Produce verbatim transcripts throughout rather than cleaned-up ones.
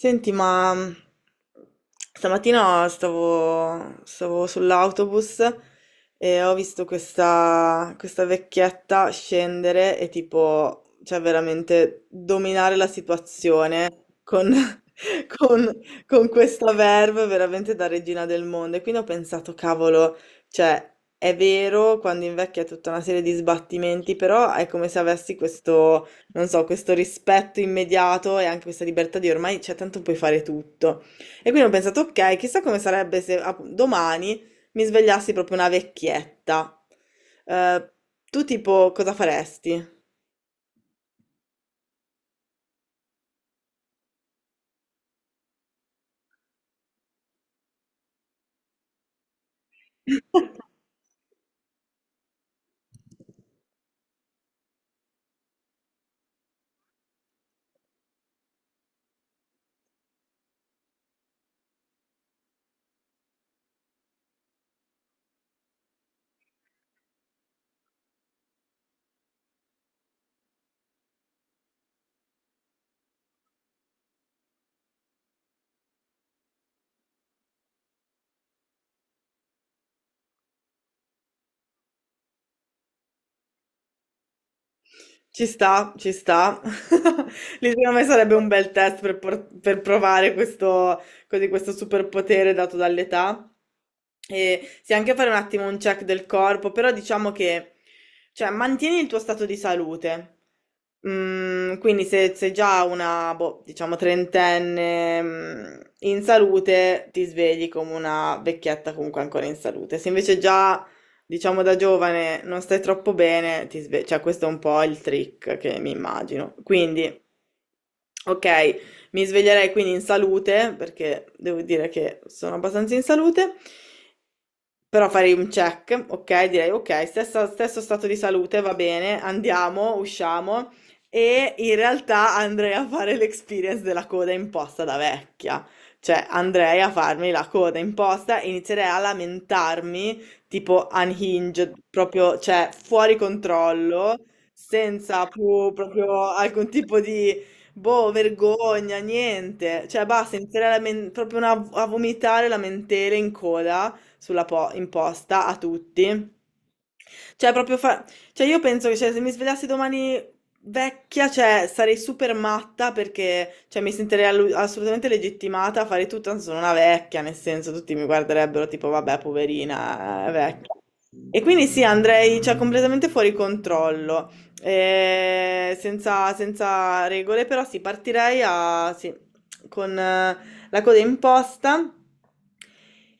Senti, ma mh, stamattina stavo, stavo sull'autobus e ho visto questa, questa vecchietta scendere e tipo, cioè veramente dominare la situazione con, con- con questa verve veramente da regina del mondo. E quindi ho pensato, cavolo, cioè è vero, quando invecchia è tutta una serie di sbattimenti, però è come se avessi questo non so, questo rispetto immediato e anche questa libertà di ormai, cioè, tanto puoi fare tutto. E quindi ho pensato, ok, chissà come sarebbe se ah, domani mi svegliassi proprio una vecchietta. Eh, tu tipo cosa faresti? Ci sta, ci sta. Lì secondo me sarebbe un bel test per, por- per provare questo, così, questo superpotere dato dall'età. E sì, anche fare un attimo un check del corpo, però diciamo che, cioè, mantieni il tuo stato di salute. Mm, quindi se sei già una, boh, diciamo, trentenne, mm, in salute, ti svegli come una vecchietta comunque ancora in salute. Se invece già diciamo da giovane non stai troppo bene, ti sve- cioè questo è un po' il trick che mi immagino. Quindi, ok, mi sveglierei quindi in salute, perché devo dire che sono abbastanza in salute, però farei un check, ok? Direi ok, stessa- stesso stato di salute, va bene, andiamo, usciamo. E in realtà andrei a fare l'experience della coda imposta da vecchia. Cioè andrei a farmi la coda imposta e inizierei a lamentarmi, tipo unhinged, proprio, cioè fuori controllo, senza più proprio alcun tipo di. Boh, vergogna, niente. Cioè, basta, inizierei a, lamen- proprio una- a vomitare lamentele in coda sulla po- imposta a tutti. Cioè, proprio fa, cioè, io penso che cioè, se mi svegliassi domani vecchia, cioè, sarei super matta perché cioè, mi sentirei allu- assolutamente legittimata a fare tutto, anzi sono una vecchia, nel senso tutti mi guarderebbero tipo, vabbè, poverina, è vecchia. E quindi sì, andrei cioè, completamente fuori controllo, eh, senza, senza regole, però sì, partirei a, sì, con eh, la coda imposta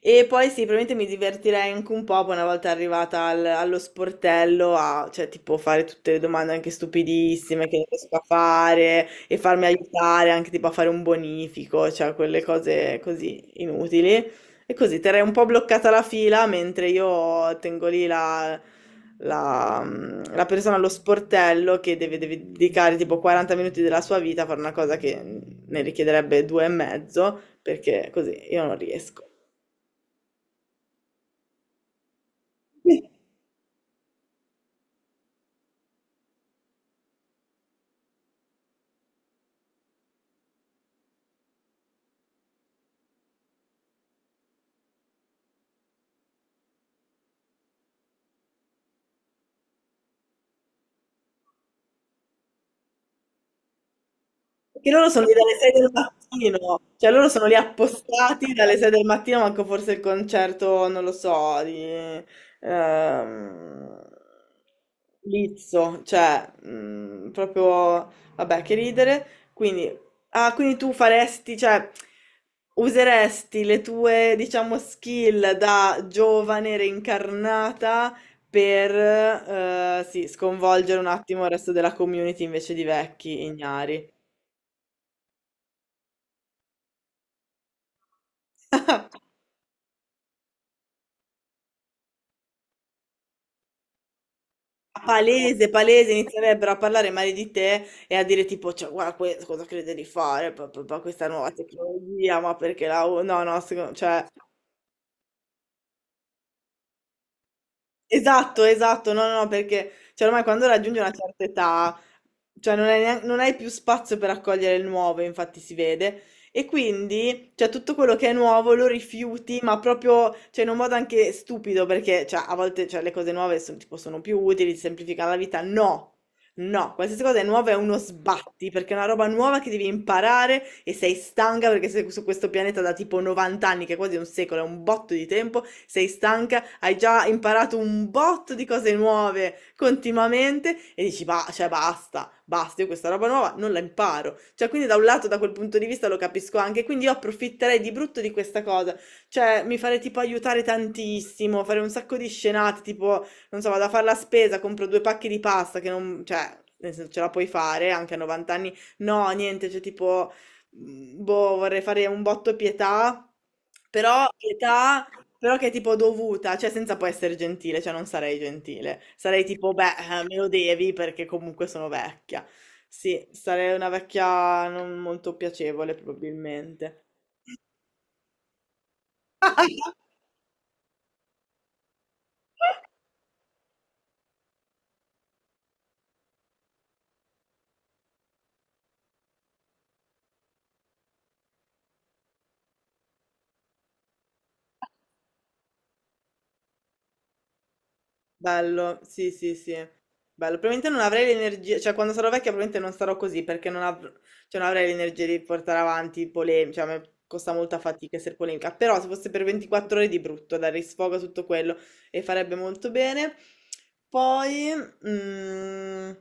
e poi sì, probabilmente mi divertirei anche un po' poi una volta arrivata al- allo sportello a, cioè, tipo, fare tutte le domande anche stupidissime che non riesco a fare e farmi aiutare anche tipo a fare un bonifico, cioè quelle cose così inutili. E così terrei un po' bloccata la fila mentre io tengo lì la, la- mm, la persona allo sportello che deve, deve dedicare tipo quaranta minuti della sua vita a fare una cosa che ne richiederebbe due e mezzo, perché così io non riesco. Perché loro sono lì dalle sei del mattino, cioè loro sono lì appostati dalle sei del mattino, manco forse il concerto, non lo so, di ehm, Lizzo, cioè mm, proprio, vabbè, che ridere. Quindi, ah, quindi tu faresti, cioè, useresti le tue, diciamo, skill da giovane reincarnata per, eh, sì, sconvolgere un attimo il resto della community invece di vecchi ignari. Palese, palese, inizierebbero a parlare male di te e a dire tipo, cioè, guarda, que- cosa crede di fare, pa- pa- pa- questa nuova tecnologia, ma perché la, u- no, no, secondo- cioè, esatto, esatto, no, no, no, perché, cioè, ormai quando raggiungi una certa età, cioè, non hai, neanche- non hai più spazio per accogliere il nuovo, infatti si vede, e quindi, cioè, tutto quello che è nuovo lo rifiuti, ma proprio, cioè, in un modo anche stupido, perché, cioè, a volte, cioè, le cose nuove sono, tipo, sono più utili, ti semplificano la vita, no! No, qualsiasi cosa è nuova è uno sbatti, perché è una roba nuova che devi imparare e sei stanca perché sei su questo pianeta da tipo novanta anni, che è quasi un secolo, è un botto di tempo, sei stanca, hai già imparato un botto di cose nuove continuamente e dici, bah, cioè basta, basta, io questa roba nuova non la imparo. Cioè, quindi da un lato, da quel punto di vista lo capisco anche, quindi io approfitterei di brutto di questa cosa, cioè mi farei tipo aiutare tantissimo, fare un sacco di scenate, tipo non so, vado a fare la spesa, compro due pacchi di pasta che non, cioè, nel senso ce la puoi fare anche a novanta anni. No, niente, cioè tipo, mm, boh, vorrei fare un botto pietà, però pietà, però che è tipo dovuta, cioè senza poi essere gentile, cioè non sarei gentile. Sarei tipo, beh, eh, me lo devi perché comunque sono vecchia. Sì, sarei una vecchia non molto piacevole probabilmente. Bello, sì, sì, sì. Bello. Probabilmente non avrei l'energia, cioè quando sarò vecchia probabilmente non sarò così perché non, av- cioè, non avrei l'energia di portare avanti polemiche, cioè a me costa molta fatica essere polemica, però se fosse per ventiquattro ore di brutto, dare sfogo a tutto quello e farebbe molto bene. Poi, mm,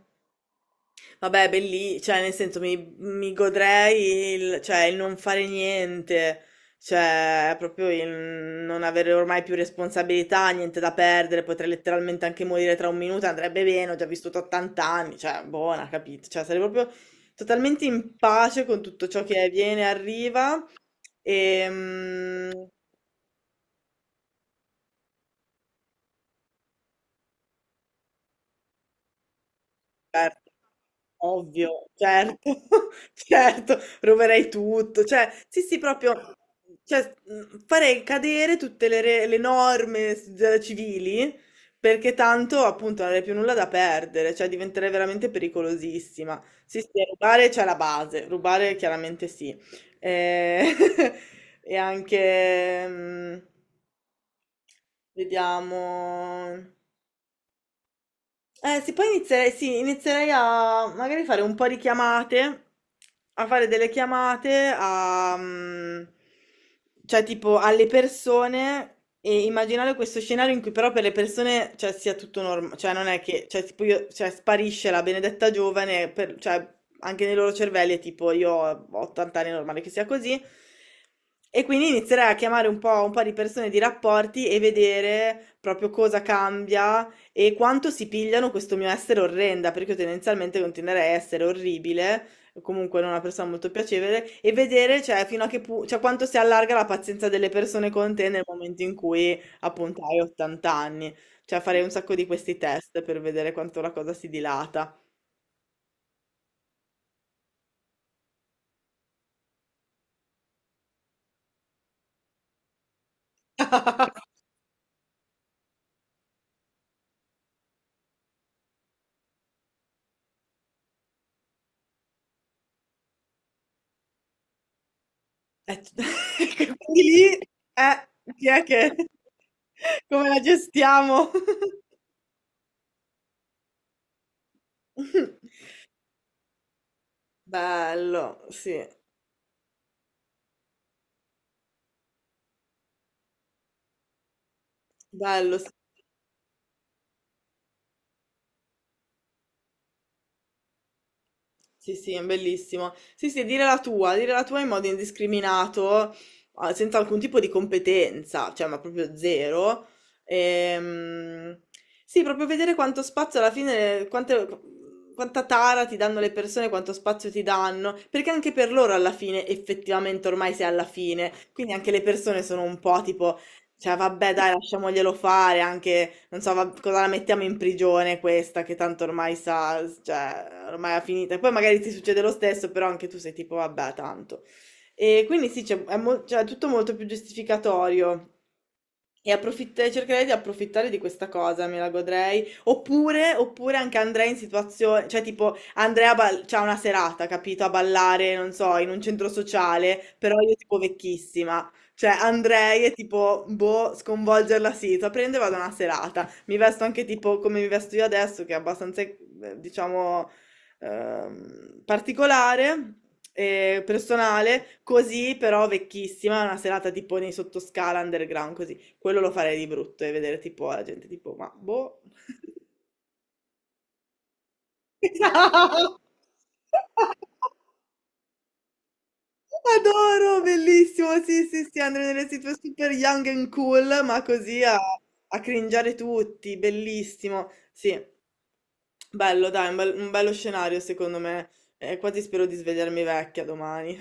vabbè, belli, cioè, nel senso, mi, mi godrei il, cioè, il non fare niente, cioè, proprio il non avere ormai più responsabilità, niente da perdere, potrei letteralmente anche morire tra un minuto, andrebbe bene, ho già vissuto ottanta anni, cioè, buona, capito? Cioè, sarei proprio totalmente in pace con tutto ciò che viene e arriva, e mm, certo. Ovvio, certo, certo, roverei tutto, cioè, sì, sì, proprio, cioè, mh, farei cadere tutte le, re- le norme s- de- civili, perché tanto, appunto, non avrei più nulla da perdere, cioè, diventerei veramente pericolosissima. Sì, sì, rubare c'è la base, rubare chiaramente sì. Eh, e, anche, mh, vediamo. Eh, sì, poi inizierei, sì, inizierei a magari fare un po' di chiamate, a fare delle chiamate a, mm, cioè tipo alle persone e immaginare questo scenario in cui però per le persone, cioè, sia tutto normale, cioè non è che, cioè, tipo io, cioè, sparisce la benedetta giovane, per- cioè, anche nei loro cervelli è tipo io ho ottanta anni, è normale che sia così, e quindi inizierei a chiamare un po', un po' di persone, di rapporti e vedere proprio cosa cambia e quanto si pigliano questo mio essere orrenda, perché io tendenzialmente continuerei a essere orribile, comunque non una persona molto piacevole, e vedere, cioè, fino a che pu- cioè, quanto si allarga la pazienza delle persone con te nel momento in cui, appunto, hai ottanta anni. Cioè, farei un sacco di questi test per vedere quanto la cosa si dilata. Eh, quindi lì, eh, chi è che. Come la gestiamo? Bello, sì, bello. Sì. Sì, sì, è bellissimo. Sì, sì, dire la tua, dire la tua in modo indiscriminato, ah, senza alcun tipo di competenza, cioè, ma proprio zero. Ehm, sì, proprio vedere quanto spazio alla fine, quante- quanta tara ti danno le persone, quanto spazio ti danno, perché anche per loro alla fine, effettivamente, ormai sei alla fine, quindi anche le persone sono un po' tipo. Cioè, vabbè, dai, lasciamoglielo fare anche, non so, va- cosa la mettiamo in prigione questa, che tanto ormai sa, cioè, ormai è finita. E poi magari ti succede lo stesso, però anche tu sei tipo, vabbè, tanto. E quindi sì, c'è- è mol- cioè, è tutto molto più giustificatorio. E approfitt- cercherei di approfittare di questa cosa, me la godrei. Oppure, oppure anche andrei in situazioni, cioè tipo Andrea bal- c'ha una serata, capito, a ballare, non so, in un centro sociale, però io tipo vecchissima. Cioè, andrei e tipo, boh, sconvolgerla sì, so, prendo e vado a una serata. Mi vesto anche tipo come mi vesto io adesso, che è abbastanza, eh, diciamo, ehm, particolare e personale, così però vecchissima, una serata tipo nei sottoscala, underground, così. Quello lo farei di brutto e vedere tipo la gente tipo, ma boh. Esatto. Adoro, bellissimo. Sì, sì, sì, andare nelle situ super young and cool, ma così a, a cringiare tutti, bellissimo. Sì, bello, dai, un bel- un bello scenario secondo me. Eh, quasi spero di svegliarmi vecchia domani.